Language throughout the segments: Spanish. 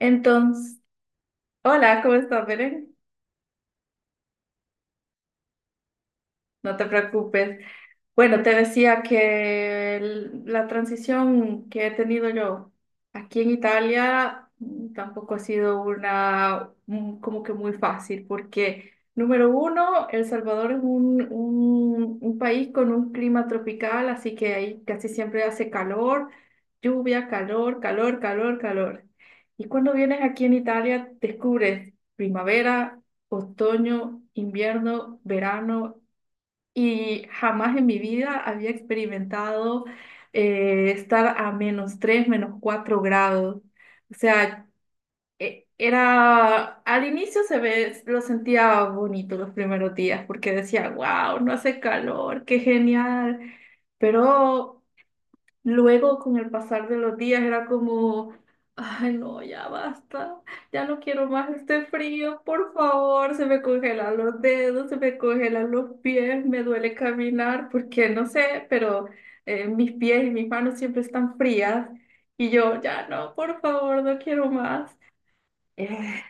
Entonces, hola, ¿cómo estás, Belén? No te preocupes. Bueno, te decía que la transición que he tenido yo aquí en Italia tampoco ha sido una como que muy fácil, porque número uno, El Salvador es un país con un clima tropical, así que ahí casi siempre hace calor, lluvia, calor, calor, calor, calor. Y cuando vienes aquí en Italia, descubres primavera, otoño, invierno, verano y jamás en mi vida había experimentado estar a menos 3 menos 4 grados. O sea, era, al inicio se ve, lo sentía bonito los primeros días porque decía, wow, no hace calor, qué genial. Pero luego, con el pasar de los días, era como, ay, no, ya basta, ya no quiero más este frío, por favor, se me congelan los dedos, se me congelan los pies, me duele caminar, porque no sé, pero mis pies y mis manos siempre están frías y yo, ya no, por favor, no quiero más. Eh,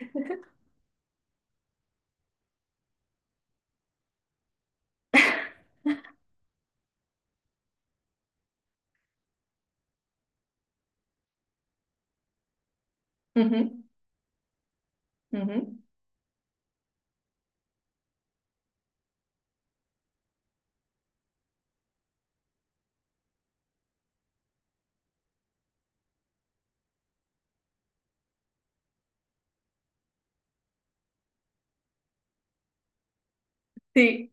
ujú, ujú. Sí,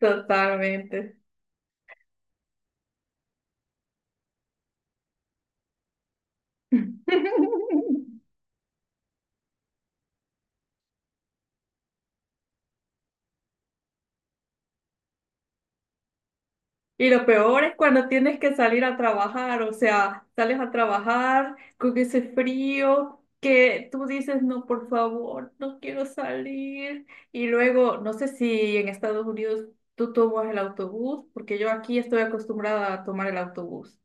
totalmente. Y lo peor es cuando tienes que salir a trabajar, o sea, sales a trabajar con ese frío que tú dices, no, por favor, no quiero salir. Y luego, no sé si en Estados Unidos tú tomas el autobús, porque yo aquí estoy acostumbrada a tomar el autobús.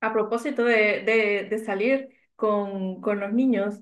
A propósito de salir con los niños.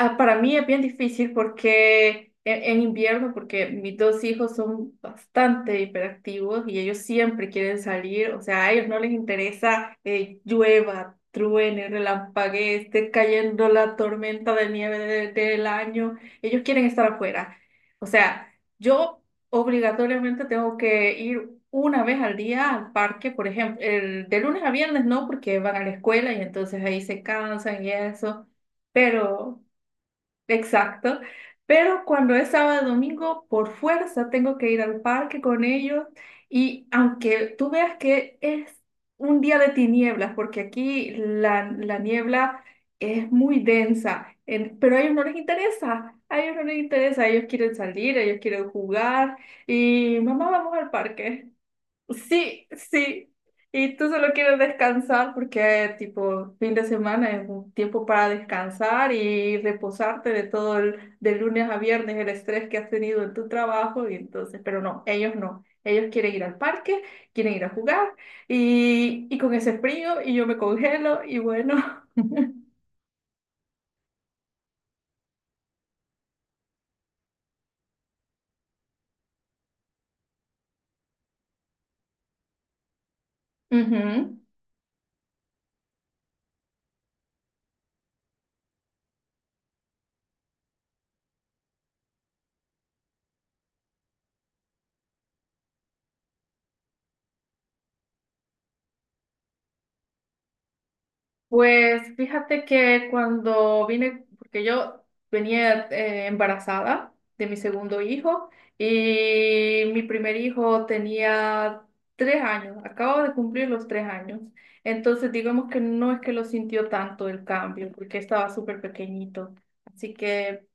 Ah, para mí es bien difícil porque en invierno, porque mis dos hijos son bastante hiperactivos y ellos siempre quieren salir, o sea, a ellos no les interesa llueva, truene, relampaguee, esté cayendo la tormenta de nieve del año, ellos quieren estar afuera. O sea, yo obligatoriamente tengo que ir una vez al día al parque, por ejemplo, el, de lunes a viernes no, porque van a la escuela y entonces ahí se cansan y eso. Pero exacto. Pero cuando es sábado domingo, por fuerza tengo que ir al parque con ellos. Y aunque tú veas que es un día de tinieblas, porque aquí la niebla es muy densa, pero a ellos no les interesa. A ellos no les interesa. Ellos quieren salir, ellos quieren jugar. Y mamá, vamos al parque. Sí, sí. Y tú solo quieres descansar porque, tipo, fin de semana es un tiempo para descansar y reposarte de todo el, de lunes a viernes, el estrés que has tenido en tu trabajo. Y entonces, pero no, ellos no. Ellos quieren ir al parque, quieren ir a jugar y con ese frío y yo me congelo y bueno. ujú. Pues fíjate que cuando vine, porque yo venía embarazada de mi segundo hijo y mi primer hijo tenía 3 años, acabo de cumplir los 3 años. Entonces digamos que no es que lo sintió tanto el cambio, porque estaba súper pequeñito. Así que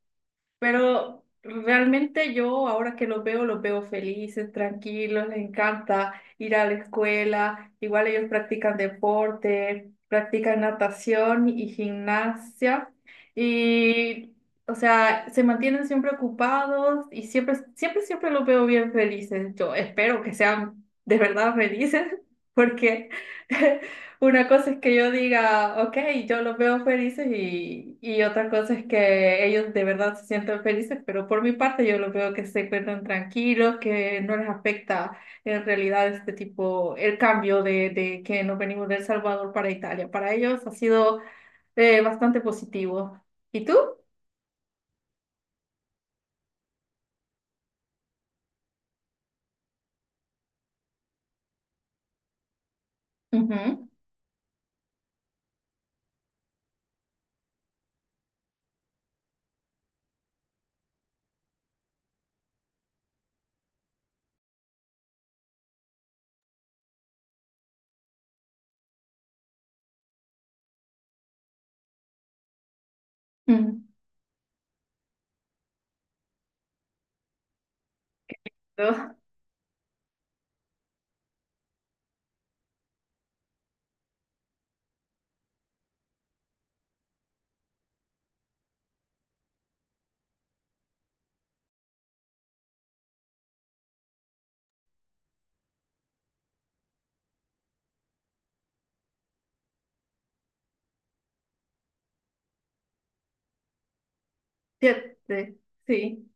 pero realmente yo ahora que los veo felices, tranquilos, les encanta ir a la escuela. Igual ellos practican deporte, practican natación y gimnasia. Y, o sea, se mantienen siempre ocupados y siempre, siempre, siempre los veo bien felices. Yo espero que sean de verdad felices porque una cosa es que yo diga, ok, yo los veo felices y otra cosa es que ellos de verdad se sientan felices, pero por mi parte yo los veo que se encuentran tranquilos, que no les afecta en realidad este tipo, el cambio de que nos venimos de El Salvador para Italia. Para ellos ha sido bastante positivo. ¿Y tú? Ujú, ujú. Yo- siete, sí.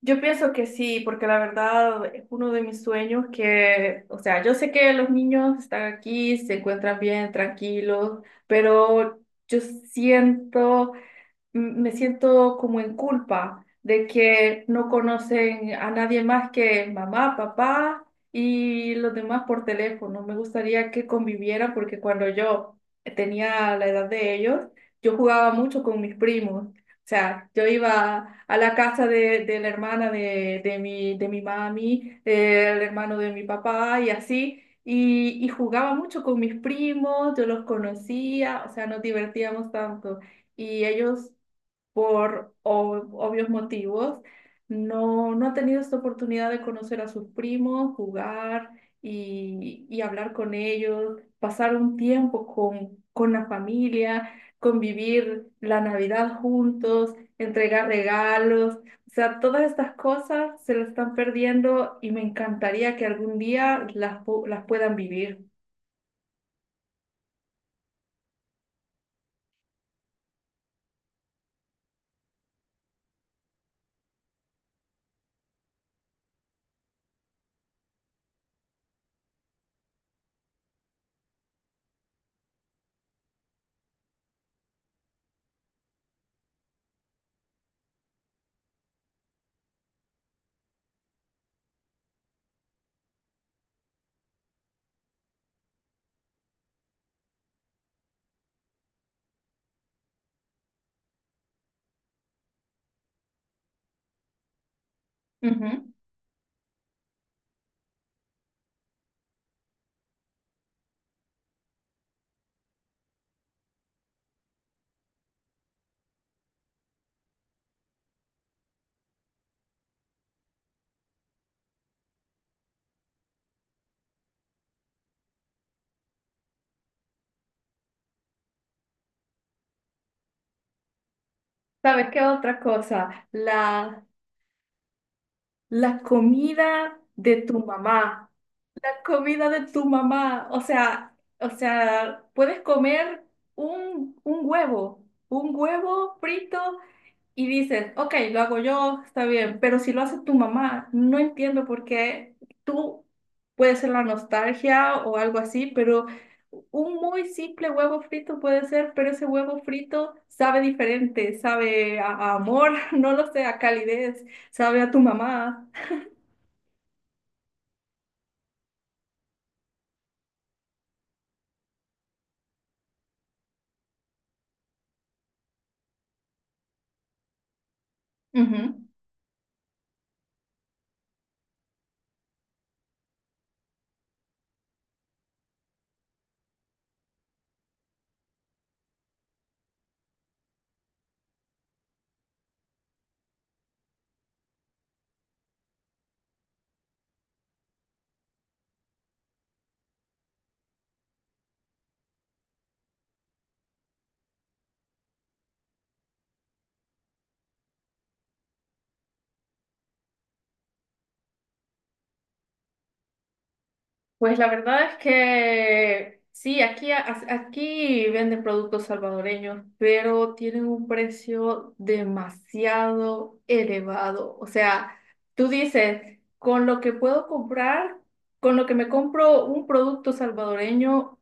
Yo pienso que sí, porque la verdad es uno de mis sueños que, o sea, yo sé que los niños están aquí, se encuentran bien, tranquilos, pero yo siento me siento como en culpa de que no conocen a nadie más que mamá, papá y los demás por teléfono. Me gustaría que convivieran porque cuando yo tenía la edad de ellos, yo jugaba mucho con mis primos. O sea, yo iba a la casa de la hermana de mi mami, del hermano de mi papá y así. Y jugaba mucho con mis primos, yo los conocía, o sea, nos divertíamos tanto y ellos por obvios motivos, no ha tenido esta oportunidad de conocer a sus primos, jugar y hablar con ellos, pasar un tiempo con la familia, convivir la Navidad juntos, entregar regalos. O sea, todas estas cosas se las están perdiendo y me encantaría que algún día las, las puedan vivir. Ujú. ¿Sabes qué otra cosa? La comida de tu mamá. La comida de tu mamá, o sea, puedes comer un, un huevo, un huevo frito y dices, ok, lo hago yo, está bien, pero si lo hace tu mamá, no entiendo por qué tú puede ser la nostalgia o algo así, pero un muy simple huevo frito puede ser, pero ese huevo frito sabe diferente, sabe a amor, no lo sé, a calidez, sabe a tu mamá. Ujú. Pues la verdad es que sí, aquí, aquí venden productos salvadoreños, pero tienen un precio demasiado elevado. O sea, tú dices, con lo que puedo comprar, con lo que me compro un producto salvadoreño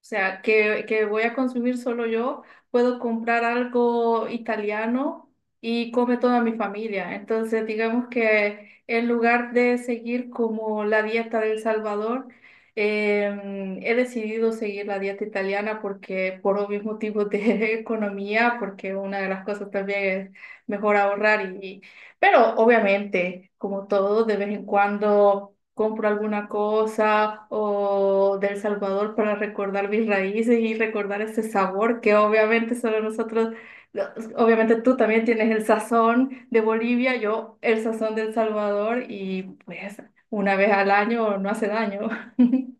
o sea, que voy a consumir solo yo, puedo comprar algo italiano y come toda mi familia. Entonces, digamos que en lugar de seguir como la dieta del Salvador, he decidido seguir la dieta italiana porque por obvios motivos de economía, porque una de las cosas también es mejor ahorrar pero obviamente, como todo, de vez en cuando compro alguna cosa o del Salvador para recordar mis raíces y recordar ese sabor que obviamente solo nosotros, lo- obviamente tú también tienes el sazón de Bolivia, yo el sazón del Salvador y pues una vez al año no hace daño.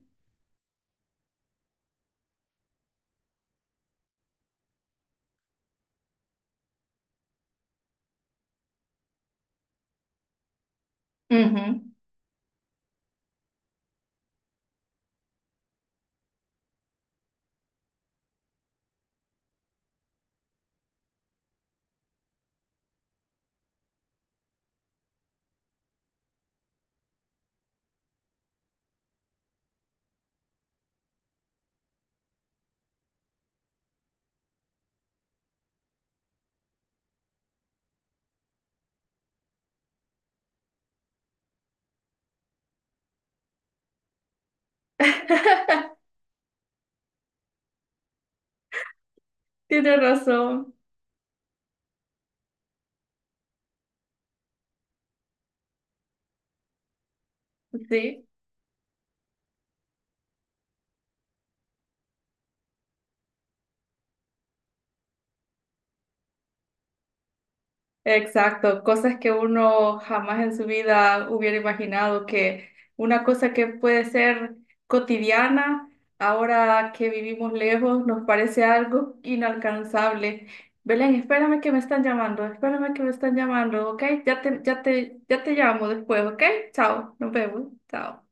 Ujú, tienes razón, sí. Exacto, cosas que uno jamás en su vida hubiera imaginado que una cosa que puede ser cotidiana, ahora que vivimos lejos, nos parece algo inalcanzable. Belén, espérame que me están llamando, espérame que me están llamando, ¿ok? Ya te llamo después, ¿ok? Chao, nos vemos, chao.